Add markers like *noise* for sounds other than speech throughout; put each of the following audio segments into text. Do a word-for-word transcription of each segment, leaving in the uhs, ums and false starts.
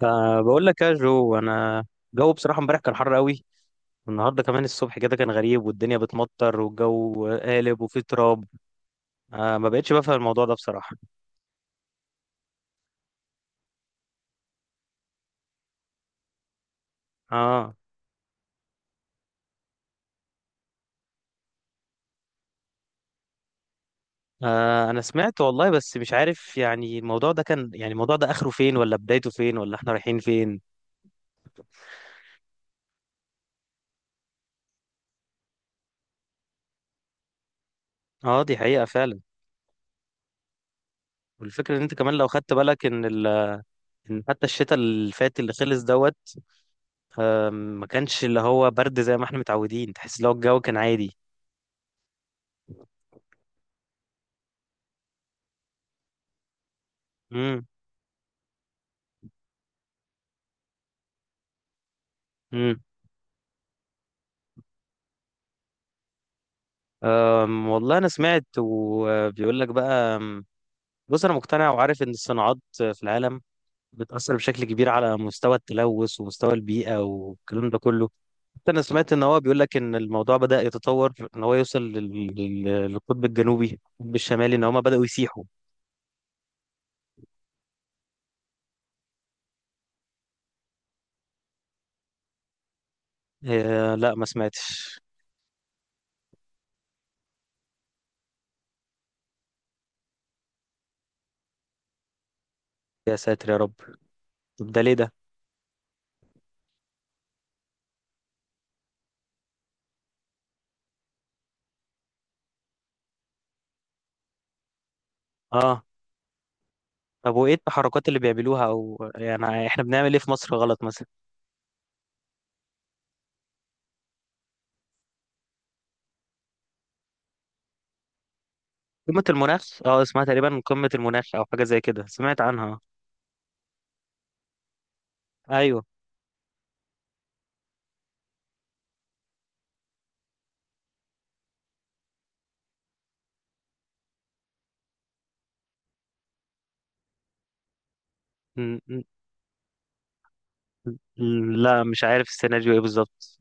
فبقول لك يا جو، انا الجو بصراحه امبارح كان حر قوي. النهارده كمان الصبح كده كان غريب، والدنيا بتمطر والجو قالب وفيه تراب. آه، ما بقتش بفهم الموضوع ده بصراحه. آه. اه، انا سمعت والله، بس مش عارف يعني الموضوع ده كان يعني الموضوع ده اخره فين، ولا بدايته فين، ولا احنا رايحين فين؟ اه، دي حقيقه فعلا. والفكره ان انت كمان لو خدت بالك ان ال... ان حتى الشتاء اللي فات اللي خلص دوت، ما كانش اللي هو برد زي ما احنا متعودين، تحس لو الجو كان عادي. امم. أم، والله انا سمعت وبيقول لك بقى. أم، بص، انا مقتنع وعارف ان الصناعات في العالم بتأثر بشكل كبير على مستوى التلوث ومستوى البيئة والكلام ده كله. حتى انا سمعت ان هو بيقول لك ان الموضوع بدأ يتطور، ان هو يوصل لل- لل- للقطب الجنوبي، القطب الشمالي، ان هما بدأوا يسيحوا. إيه؟ لا، ما سمعتش. يا ساتر يا رب! طب ده ليه ده؟ اه. طب، وايه التحركات اللي بيعملوها، او يعني احنا بنعمل ايه في مصر غلط مثلا؟ قمة المناخ، اه، اسمها تقريبا قمة المناخ او حاجة زي كده، سمعت عنها. ايوه. م- م- م- لا، مش عارف السيناريو ايه بالظبط.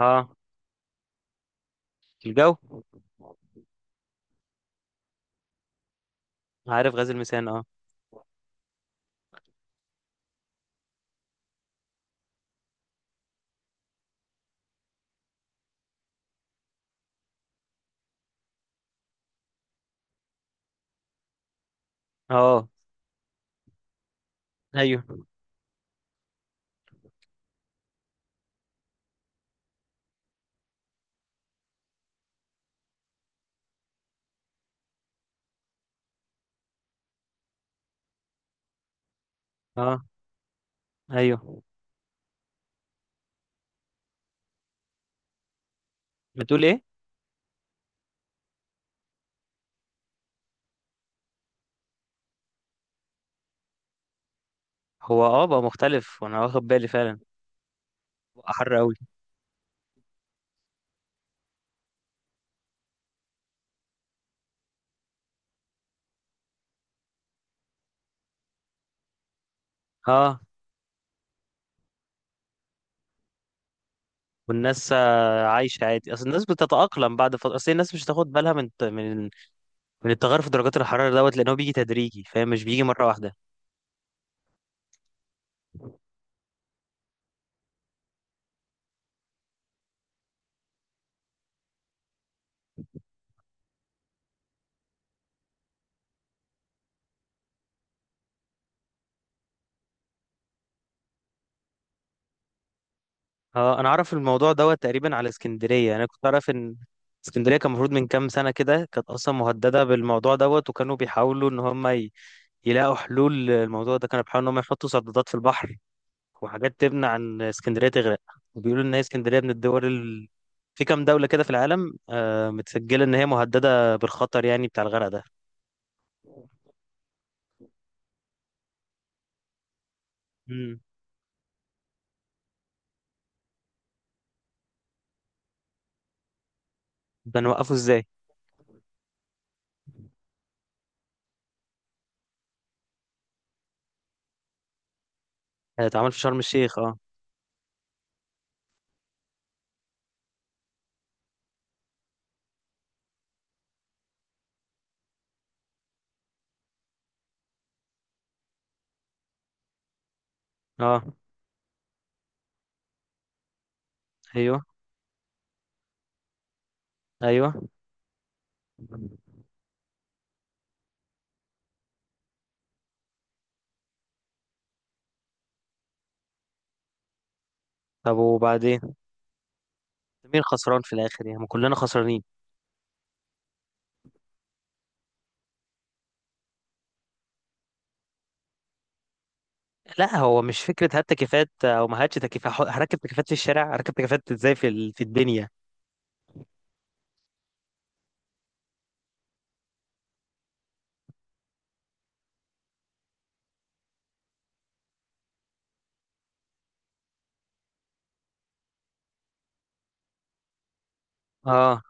اه. الجو. عارف غاز الميثان، اه. اه. ايوه. اه. ايوه. بتقول ايه؟ هو اه بقى مختلف وانا واخد بالي فعلا. بقى حر قوي. اه. والناس آه، عايشه عادي، اصل الناس بتتاقلم بعد فتره، اصل الناس مش هتاخد بالها من من من التغير في درجات الحراره دوت، لان هو بيجي تدريجي فاهم، مش بيجي مره واحده. اه، انا اعرف الموضوع دوت تقريبا على اسكندريه، يعني انا كنت اعرف ان اسكندريه كان المفروض من كام سنه كده كانت اصلا مهدده بالموضوع دوت، وكانوا بيحاولوا ان هم ي- يلاقوا حلول للموضوع ده. كانوا بيحاولوا ان هم يحطوا سدادات في البحر وحاجات تمنع ان اسكندريه تغرق. وبيقولوا ان هي اسكندريه من الدول ال... في كام دوله كده في العالم، آه متسجله ان هي مهدده بالخطر، يعني بتاع الغرق ده. امم. ده نوقفه ازاي؟ آه، اتعمل في شرم الشيخ، اه. اه. ايوه. ايوه. طب وبعدين؟ مين خسران في الاخر؟ يعني ما كلنا خسرانين. لا، هو مش فكره هات تكييفات او ما هاتش تكييفات. ح- هركب تكييفات في الشارع، هركب تكييفات ازاي في ال- في الدنيا؟ اه،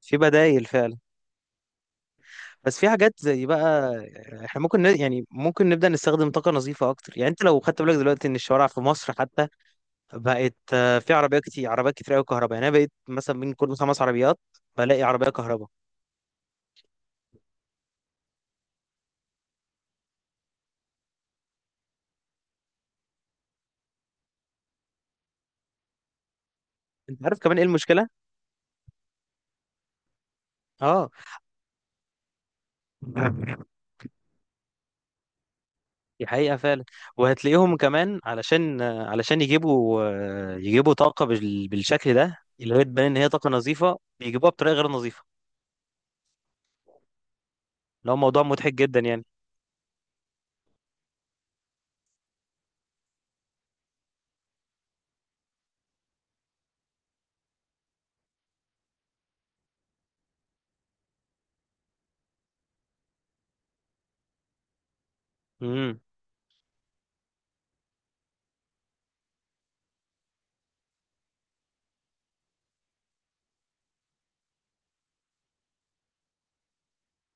في بدايل فعلا. بس في حاجات زي بقى. احنا ممكن ن- يعني ممكن نبدا نستخدم طاقه نظيفه اكتر. يعني انت لو خدت بالك دلوقتي ان الشوارع في مصر حتى بقت آه، في عربيات كتير، عربيات كتير قوي كهرباء. يعني انا بقيت مثلا من كل خمس عربيات بلاقي عربيه كهرباء. انت عارف كمان ايه المشكله؟ اه. *laughs* دي حقيقة فعلا. وهتلاقيهم كمان علشان علشان يجيبوا يجيبوا طاقة بال- بالشكل ده، اللي هي تبان ان هي طاقة نظيفة، بيجيبوها بطريقة غير نظيفة. اللي هو موضوع مضحك جدا يعني. امم.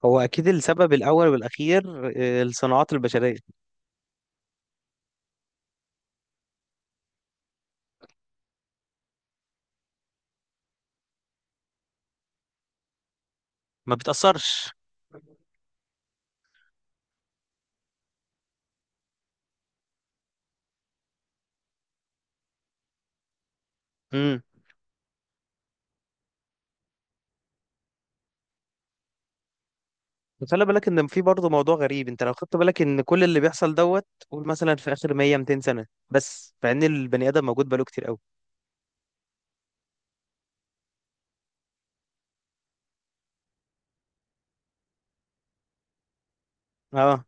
هو اكيد السبب الاول والاخير، آه، الصناعات البشرية. ما بتأثرش. امم. خلي بالك ان في برضه موضوع غريب. انت لو خدت بالك ان كل اللي بيحصل دوت، قول مثلا في اخر مية، ميتين سنة بس، مع ان البني ادم موجود بقاله كتير قوي. اه.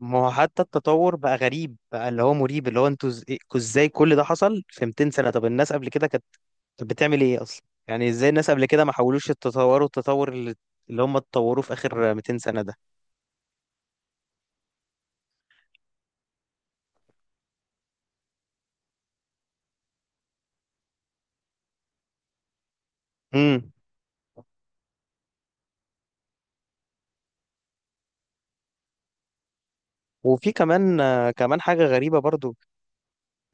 ما هو حتى التطور بقى غريب، بقى اللي هو مريب، اللي هو انتوا إز- إيه- ازاي كل ده حصل في ميتين سنة؟ طب الناس قبل كده كانت كانت بتعمل ايه اصلا؟ يعني ازاي الناس قبل كده ما حاولوش يتطوروا التطور اللي, اللي هم اتطوروا في اخر ميتين سنة ده؟ امم. وفي كمان آه، كمان حاجة غريبة برضو.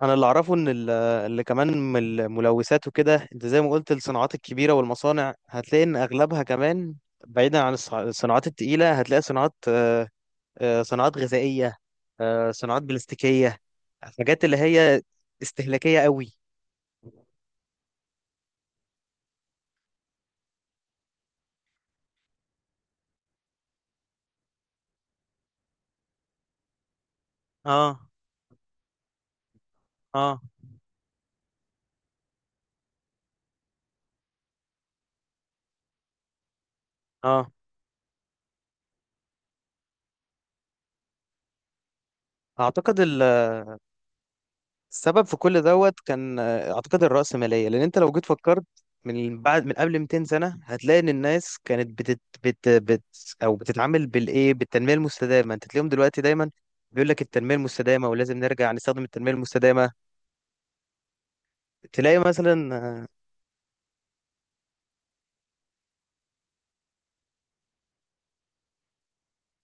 انا اللي اعرفه ان ال- اللي كمان من الملوثات وكده، انت زي ما قلت الصناعات الكبيرة والمصانع، هتلاقي ان اغلبها كمان بعيدا عن الص- الصناعات التقيلة. هتلاقي صناعات، آه، آه، صناعات غذائية، آه، صناعات بلاستيكية. حاجات اللي هي استهلاكية قوي. اه. اه. اه. اعتقد ال- السبب في كل دوت كان، آه، اعتقد الرأسمالية. لان انت لو جيت فكرت من بعد، من قبل ميتين سنة، هتلاقي ان الناس كانت بتت بت بت او بتتعامل بالايه، بالتنمية المستدامة. انت تلاقيهم دلوقتي دايما بيقول لك التنمية المستدامة ولازم نرجع نستخدم التنمية المستدامة. تلاقي مثلا آه،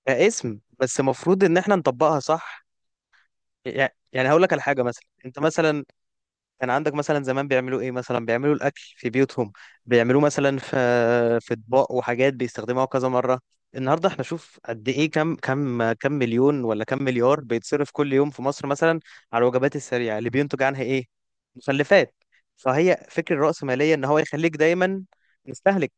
كاسم بس، المفروض ان احنا نطبقها صح. يع- يعني هقول لك على حاجه. مثلا انت مثلا كان عندك مثلا زمان بيعملوا ايه؟ مثلا بيعملوا الاكل في بيوتهم، بيعملوه مثلا في في اطباق وحاجات بيستخدموها كذا مره. النهارده احنا شوف قد ايه، كم كم كم مليون ولا كم مليار بيتصرف كل يوم في مصر مثلا على الوجبات السريعه؟ اللي بينتج عنها ايه؟ مخلفات. فهي فكر الرأسمالية ان هو يخليك دايما مستهلك.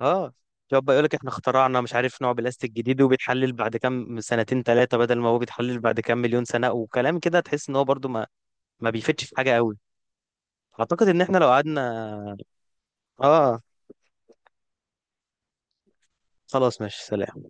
اه، شوف بقى، يقول لك احنا اخترعنا مش عارف نوع بلاستيك جديد وبيتحلل بعد كام سنتين ثلاثه بدل ما هو بيتحلل بعد كام مليون سنه وكلام كده، تحس ان هو برضو ما ما بيفيدش في حاجه قوي. اعتقد ان احنا لو قعدنا. اه، خلاص ماشي، سلام.